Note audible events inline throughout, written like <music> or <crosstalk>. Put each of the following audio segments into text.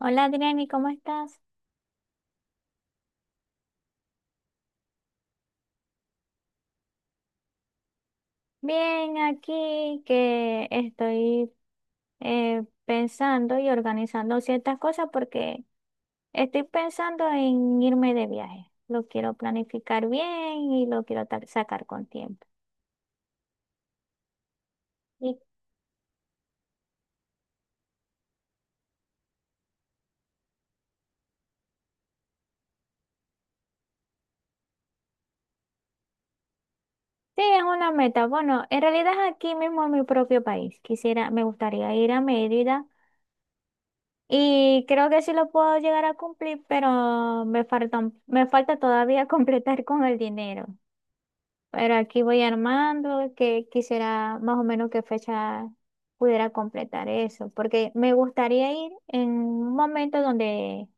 Hola Adriani, ¿cómo estás? Bien, aquí que estoy pensando y organizando ciertas cosas porque estoy pensando en irme de viaje. Lo quiero planificar bien y lo quiero sacar con tiempo. Y sí, es una meta. Bueno, en realidad es aquí mismo en mi propio país. Quisiera, me gustaría ir a Mérida y creo que sí lo puedo llegar a cumplir, pero me faltan, me falta todavía <laughs> completar con el dinero. Pero aquí voy armando, que quisiera más o menos qué fecha pudiera completar eso, porque me gustaría ir en un momento donde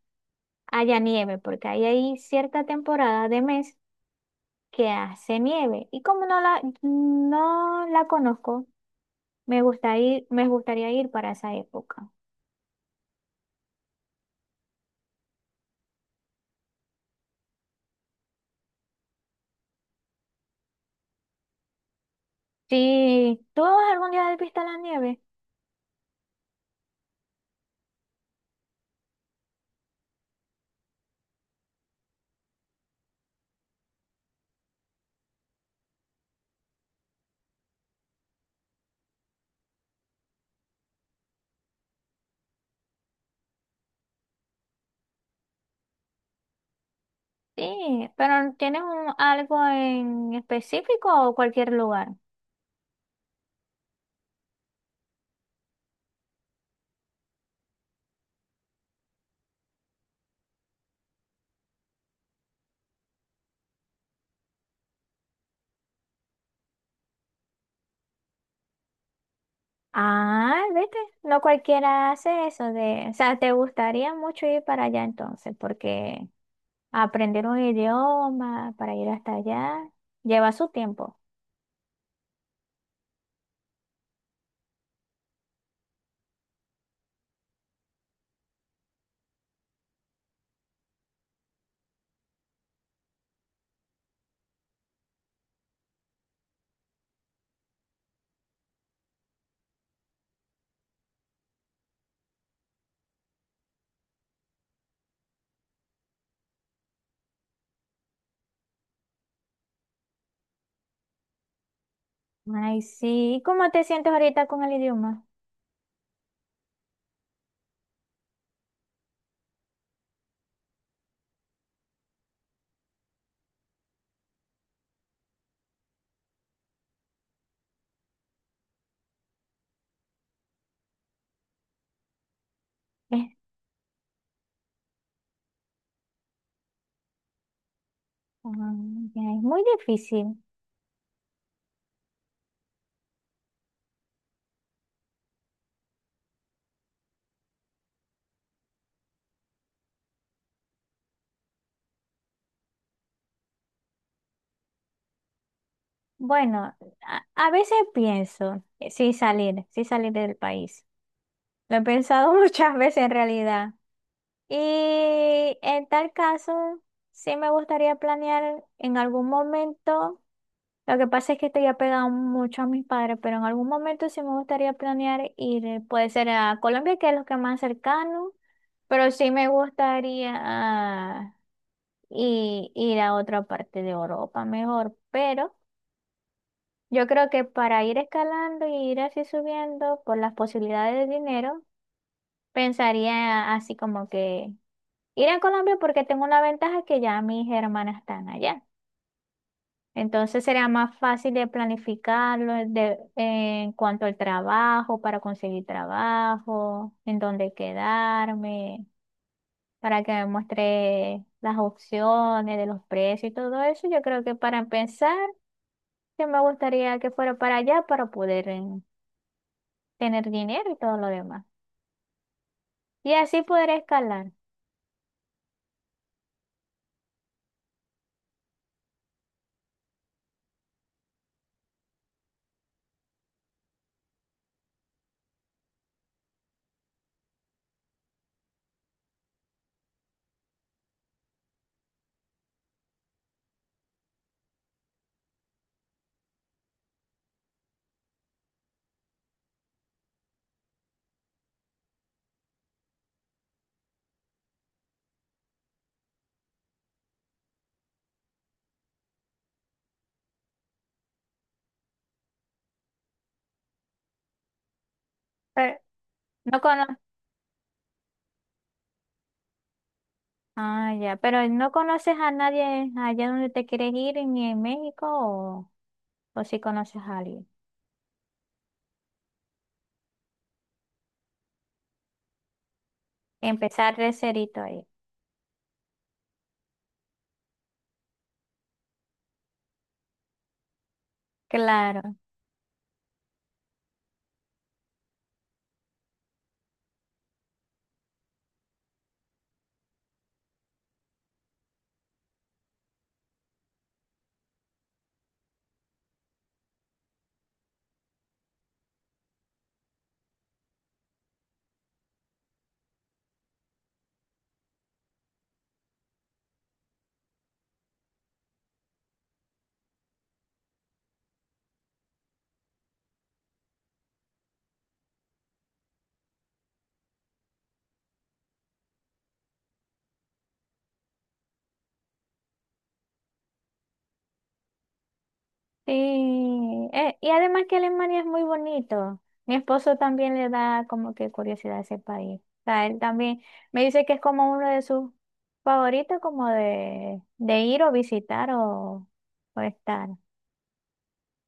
haya nieve, porque ahí hay cierta temporada de mes que hace nieve y como no la conozco, me gusta ir, me gustaría ir para esa época. Si tú algún día has visto la nieve, sí, pero ¿tienes algo en específico o cualquier lugar? Ah, vete, no cualquiera hace eso de, o sea, te gustaría mucho ir para allá entonces, porque aprender un idioma para ir hasta allá lleva su tiempo. Ay, sí, ¿y cómo te sientes ahorita con el idioma? Es, mm, ya, es muy difícil. Bueno, a veces pienso, sí salir del país. Lo he pensado <laughs> muchas veces en realidad. Y en tal caso, sí me gustaría planear en algún momento. Lo que pasa es que estoy apegado mucho a mis padres, pero en algún momento sí me gustaría planear ir, puede ser a Colombia, que es lo que más cercano, pero sí me gustaría ir a otra parte de Europa mejor. Pero yo creo que para ir escalando y ir así subiendo por las posibilidades de dinero, pensaría así como que ir a Colombia porque tengo una ventaja que ya mis hermanas están allá. Entonces sería más fácil de planificarlo en cuanto al trabajo, para conseguir trabajo, en dónde quedarme, para que me muestre las opciones de los precios y todo eso. Yo creo que para empezar, que me gustaría que fuera para allá para poder tener dinero y todo lo demás. Y así poder escalar. Eh, No cono ah, ya, pero no conoces a nadie allá donde te quieres ir, ni en México, o si conoces a alguien. Empezar de cerito ahí. Claro. Sí. Y además que Alemania es muy bonito. Mi esposo también le da como que curiosidad a ese país. O sea, él también me dice que es como uno de sus favoritos, como de ir o visitar o estar.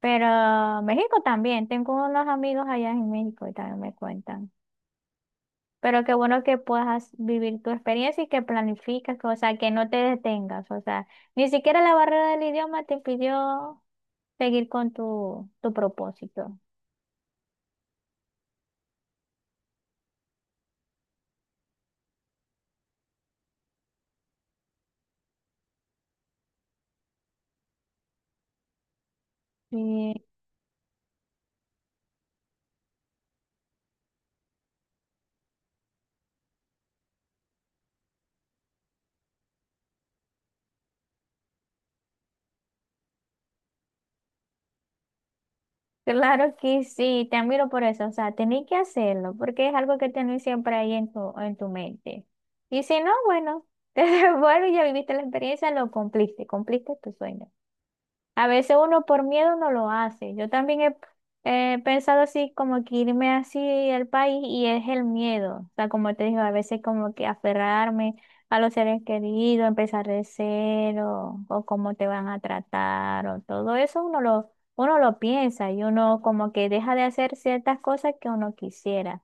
Pero México también. Tengo unos amigos allá en México y también me cuentan. Pero qué bueno que puedas vivir tu experiencia y que planificas, que, o sea, que no te detengas. O sea, ni siquiera la barrera del idioma te impidió seguir con tu, tu propósito. Y claro que sí, te admiro por eso, o sea, tenés que hacerlo, porque es algo que tenés siempre ahí en tu mente. Y si no, bueno, <laughs> te devuelves, ya viviste la experiencia, lo cumpliste, cumpliste tu sueño. A veces uno por miedo no lo hace. Yo también he pensado así, como que irme así al país y es el miedo. O sea, como te digo, a veces como que aferrarme a los seres queridos, empezar de cero, o cómo te van a tratar, o todo eso uno lo piensa y uno como que deja de hacer ciertas cosas que uno quisiera.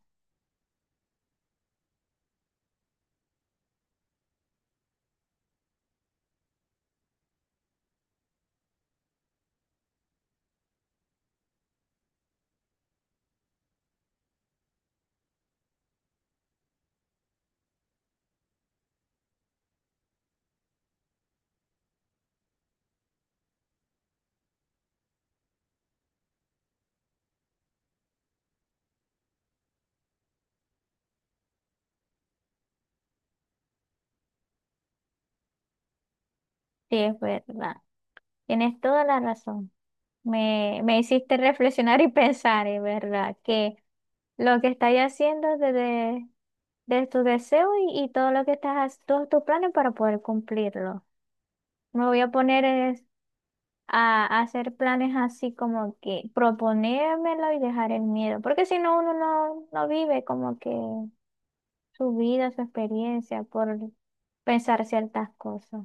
Sí, es verdad. Tienes toda la razón. Me hiciste reflexionar y pensar, es verdad, que lo que estás haciendo desde de tu deseo y todo lo que estás, todos tus planes para poder cumplirlo. Me voy a poner es a hacer planes así como que proponérmelo y dejar el miedo, porque si no, uno no, no vive como que su vida, su experiencia por pensar ciertas cosas.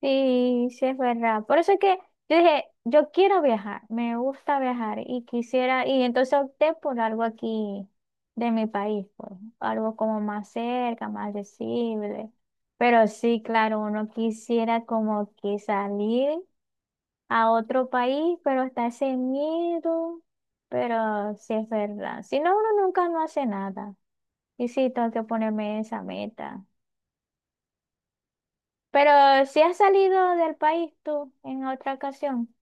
Sí, sí es verdad. Por eso es que yo dije, yo quiero viajar, me gusta viajar y quisiera, y entonces opté por algo aquí de mi país, pues, algo como más cerca, más accesible. Pero sí, claro, uno quisiera como que salir a otro país, pero está ese miedo. Pero sí es verdad. Si no, uno nunca no hace nada. Y sí, tengo que ponerme esa meta. Pero si has salido del país tú en otra ocasión.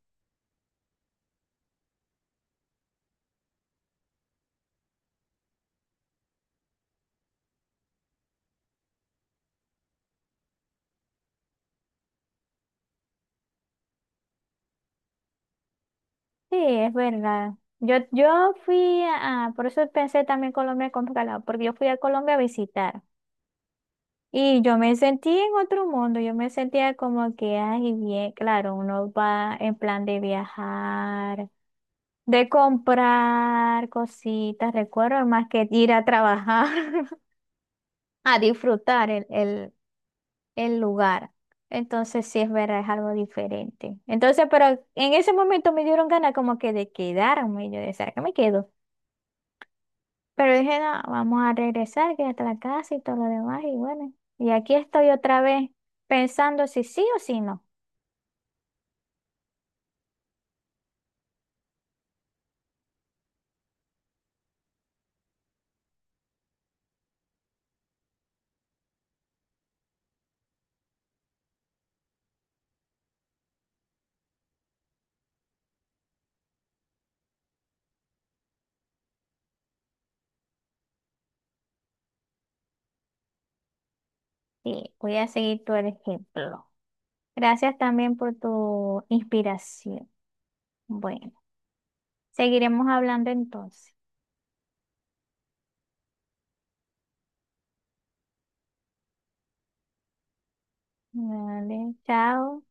Sí, es verdad. Yo fui a, por eso pensé también Colombia con calado, porque yo fui a Colombia a visitar y yo me sentí en otro mundo, yo me sentía como que, ay, bien, claro, uno va en plan de viajar, de comprar cositas, recuerdo, más que ir a trabajar, <laughs> a disfrutar el lugar. Entonces sí es verdad, es algo diferente. Entonces, pero en ese momento me dieron ganas como que de quedarme, y yo decía, ¿será que me quedo? Pero dije, no, vamos a regresar, que hasta la casa y todo lo demás, y bueno, y aquí estoy otra vez pensando si sí o si no. Y voy a seguir tu ejemplo. Gracias también por tu inspiración. Bueno, seguiremos hablando entonces. Vale, chao.